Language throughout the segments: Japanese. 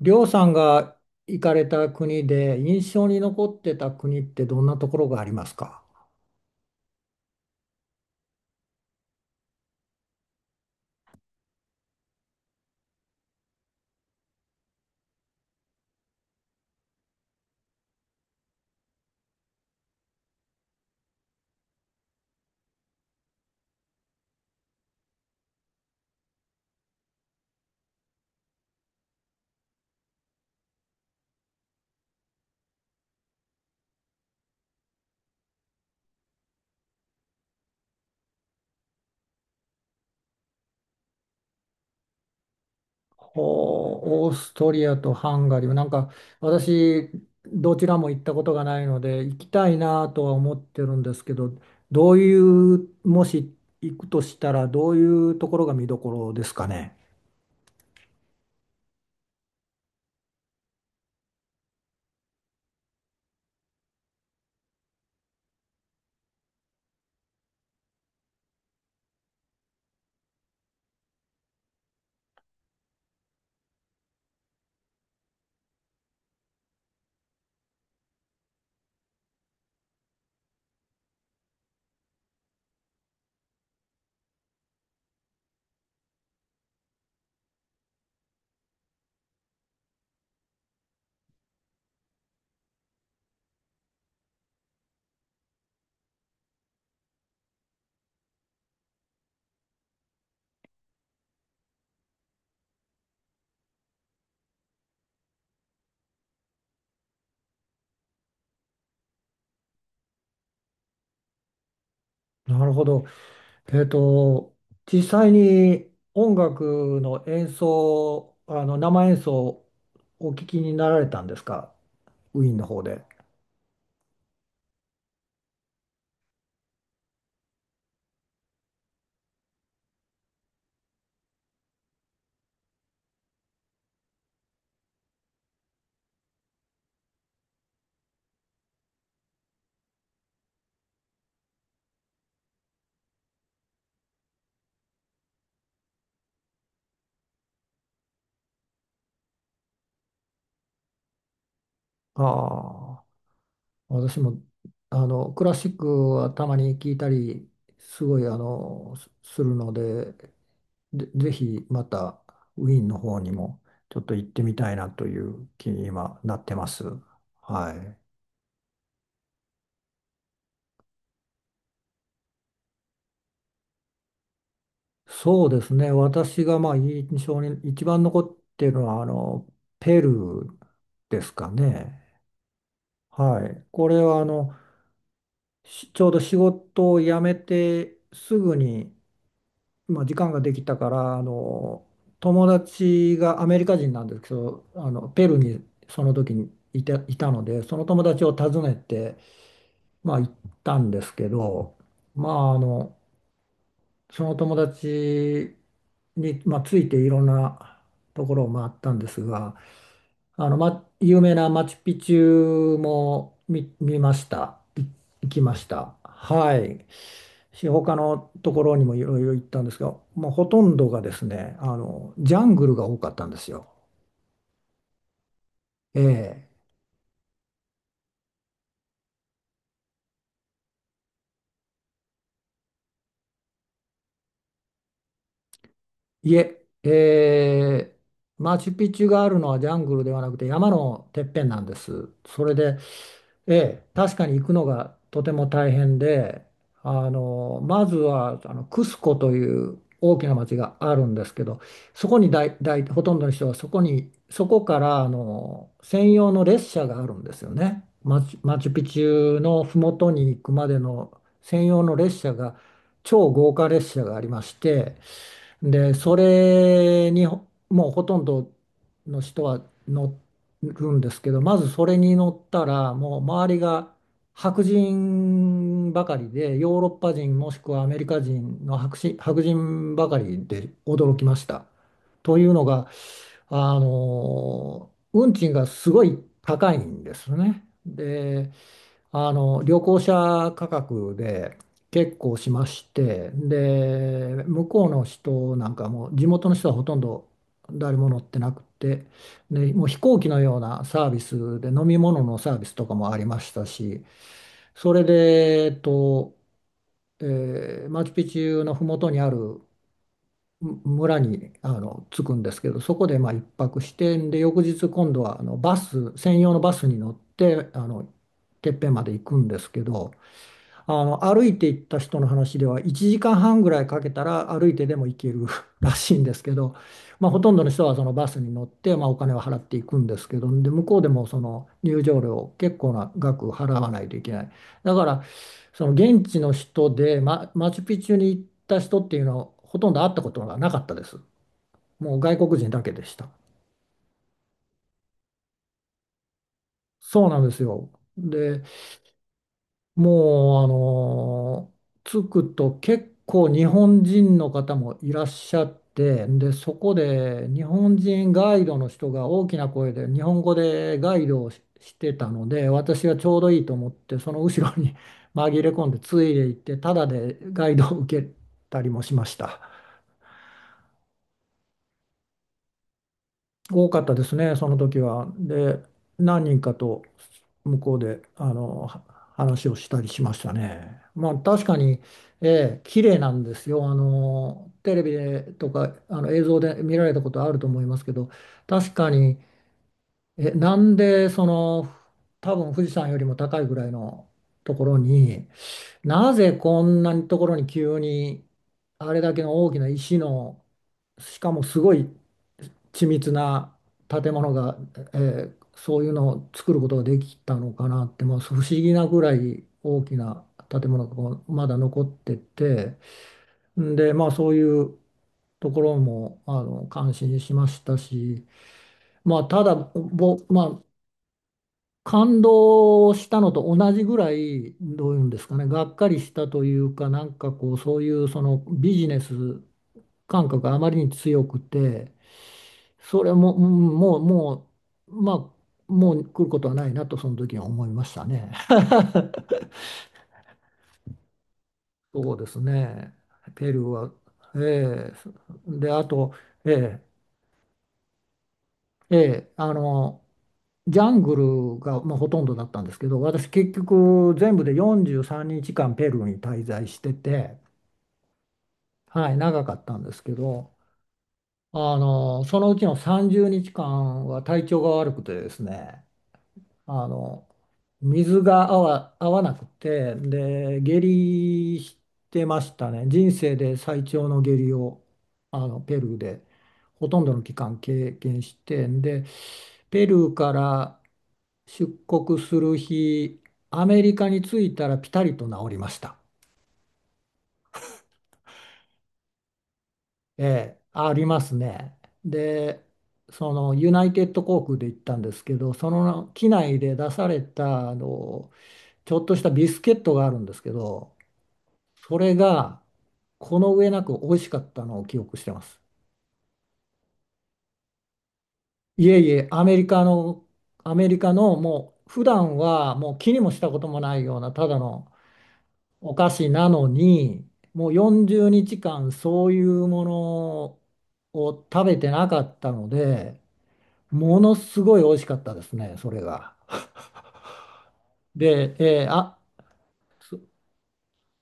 りょうさんが行かれた国で印象に残ってた国ってどんなところがありますか？ほう、オーストリアとハンガリー。なんか私、どちらも行ったことがないので行きたいなとは思ってるんですけど、どういう、もし行くとしたらどういうところが見どころですかね。なるほど。えっと、実際に音楽の演奏、あの生演奏をお聞きになられたんですか、ウィーンの方で。ああ、私もあのクラシックはたまに聞いたり、すごいあのすするので、で、ぜひまたウィーンの方にもちょっと行ってみたいなという気に今なってます。はい。そうですね。私がまあ印象に一番残っているのはあのペルーですかね。はい。これはあのしちょうど仕事を辞めてすぐに、まあ、時間ができたからあの友達がアメリカ人なんですけどあのペルーにその時にいたのでその友達を訪ねて、まあ、行ったんですけど、まあ、あのその友達に、まあ、ついていろんなところを回ったんですが、あの、ま、有名なマチュピチュも見ました。行きました。はい。他のところにもいろいろ行ったんですが、もうほとんどがですね、あの、ジャングルが多かったんですよ。ええ。いえ、ええ、マチュピチュがあるのはジャングルではなくて山のてっぺんなんです。それで、ええ、確かに行くのがとても大変で、あの、まずはあのクスコという大きな町があるんですけど、そこにだい、だい、ほとんどの人はそこに、そこからあの専用の列車があるんですよね。マチュピチュの麓に行くまでの専用の列車が、超豪華列車がありまして、で、それにほもうほとんどの人は乗るんですけど、まずそれに乗ったら、もう周りが白人ばかりで、ヨーロッパ人もしくはアメリカ人の白人、白人ばかりで驚きました。というのが、あの、運賃がすごい高いんですね。で、あの旅行者価格で結構しまして、で、向こうの人なんかも地元の人はほとんど誰も乗ってなくて、でもう飛行機のようなサービスで飲み物のサービスとかもありましたし、それで、マチュピチュの麓にある村にあの着くんですけど、そこでまあ一泊して、で、翌日今度はあのバス専用のバスに乗ってあのてっぺんまで行くんですけど。あの、歩いて行った人の話では1時間半ぐらいかけたら歩いてでも行ける らしいんですけど、まあ、ほとんどの人はそのバスに乗って、まあ、お金を払っていくんですけど、で、向こうでもその入場料結構な額払わないといけない。だから、その現地の人で、ま、マチュピチュに行った人っていうのはほとんど会ったことがなかったです。もう外国人だけでした。そうなんですよ。で、もう、あの着くと結構日本人の方もいらっしゃって、で、そこで日本人ガイドの人が大きな声で日本語でガイドをし、してたので、私はちょうどいいと思って、その後ろに 紛れ込んでついでいって、ただでガイドを受けたりもしました。多かったですね、その時は。で、何人かと向こうであのは話をしたりしましたね。まあ確かに、ええ、綺麗なんですよ。あのテレビでとかあの映像で見られたことあると思いますけど、確かに、え、なんでその多分富士山よりも高いぐらいのところになぜこんなところに急にあれだけの大きな石のしかもすごい緻密な建物が、えーそういうのを作ることができたのかなってもう不思議なぐらい大きな建物がこうまだ残ってて、んでまあそういうところもあの感心しましたし、まあただぼ、まあ、感動したのと同じぐらい、どういうんですかね、がっかりしたというか、なんかこう、そういうそのビジネス感覚があまりに強くて、それも、うんもう、もう、まあ、もう来ることはないなと、その時は思いましたね。そうですね、ペルーは、えで、あと、えええあの、ジャングルがまあほとんどだったんですけど、私結局全部で43日間ペルーに滞在してて、はい、長かったんですけど、あの、そのうちの30日間は体調が悪くてですね、あの、水が合わ、合わなくて、で、下痢してましたね。人生で最長の下痢を、あの、ペルーでほとんどの期間経験して、で、ペルーから出国する日、アメリカに着いたらピタリと治りました。ええ、ありますね。で、そのユナイテッド航空で行ったんですけど、その機内で出されたあのちょっとしたビスケットがあるんですけど、それがこの上なく美味しかったのを記憶してます。いえいえ、アメリカのもう普段はもう気にもしたこともないようなただのお菓子なのに、もう40日間そういうものを食べてなかったので、ものすごい美味しかったですね、それが。で、そ、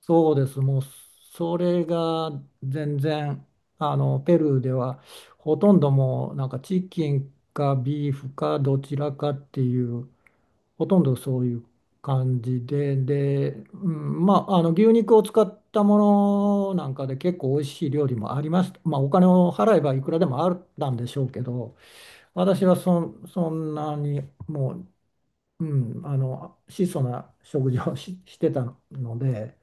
そうです、もうそれが全然、あの、ペルーではほとんどもうなんかチキンかビーフかどちらかっていうほとんどそういう感じで、で、うん、まあ、あの牛肉を使ったものなんかで結構美味しい料理もあります。まあ、お金を払えばいくらでもあったんでしょうけど、私はそんなにもう、うん、あの質素な食事をし、してたので、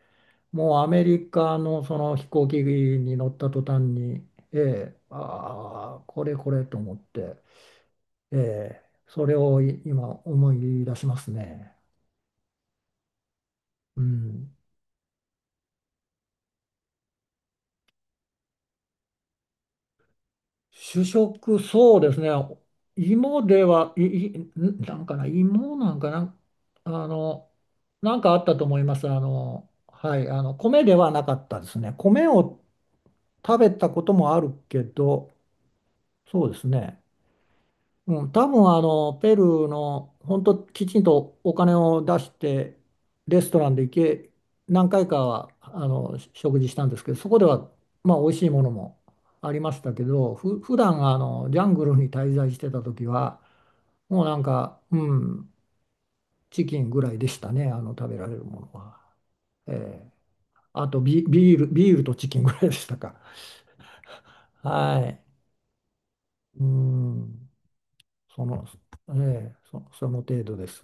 もうアメリカのその飛行機に乗った途端に、ええ、ああ、これこれと思って、ええ、それを今思い出しますね。うん、主食、そうですね。芋では、い、い、んなんかな、芋なんかな、あの、なんかあったと思います。あの、はい、あの、米ではなかったですね。米を食べたこともあるけど、そうですね。うん、多分あのペルーの本当きちんとお金を出してレストランで行け何回かはあのし食事したんですけど、そこではまあ美味しいものもありましたけど、普段あのジャングルに滞在してた時はもうなんか、うん、チキンぐらいでしたねあの食べられるものは、ええ。あとビール、ビールとチキンぐらいでしたか。はい、うん、その、ええ、そその程度です。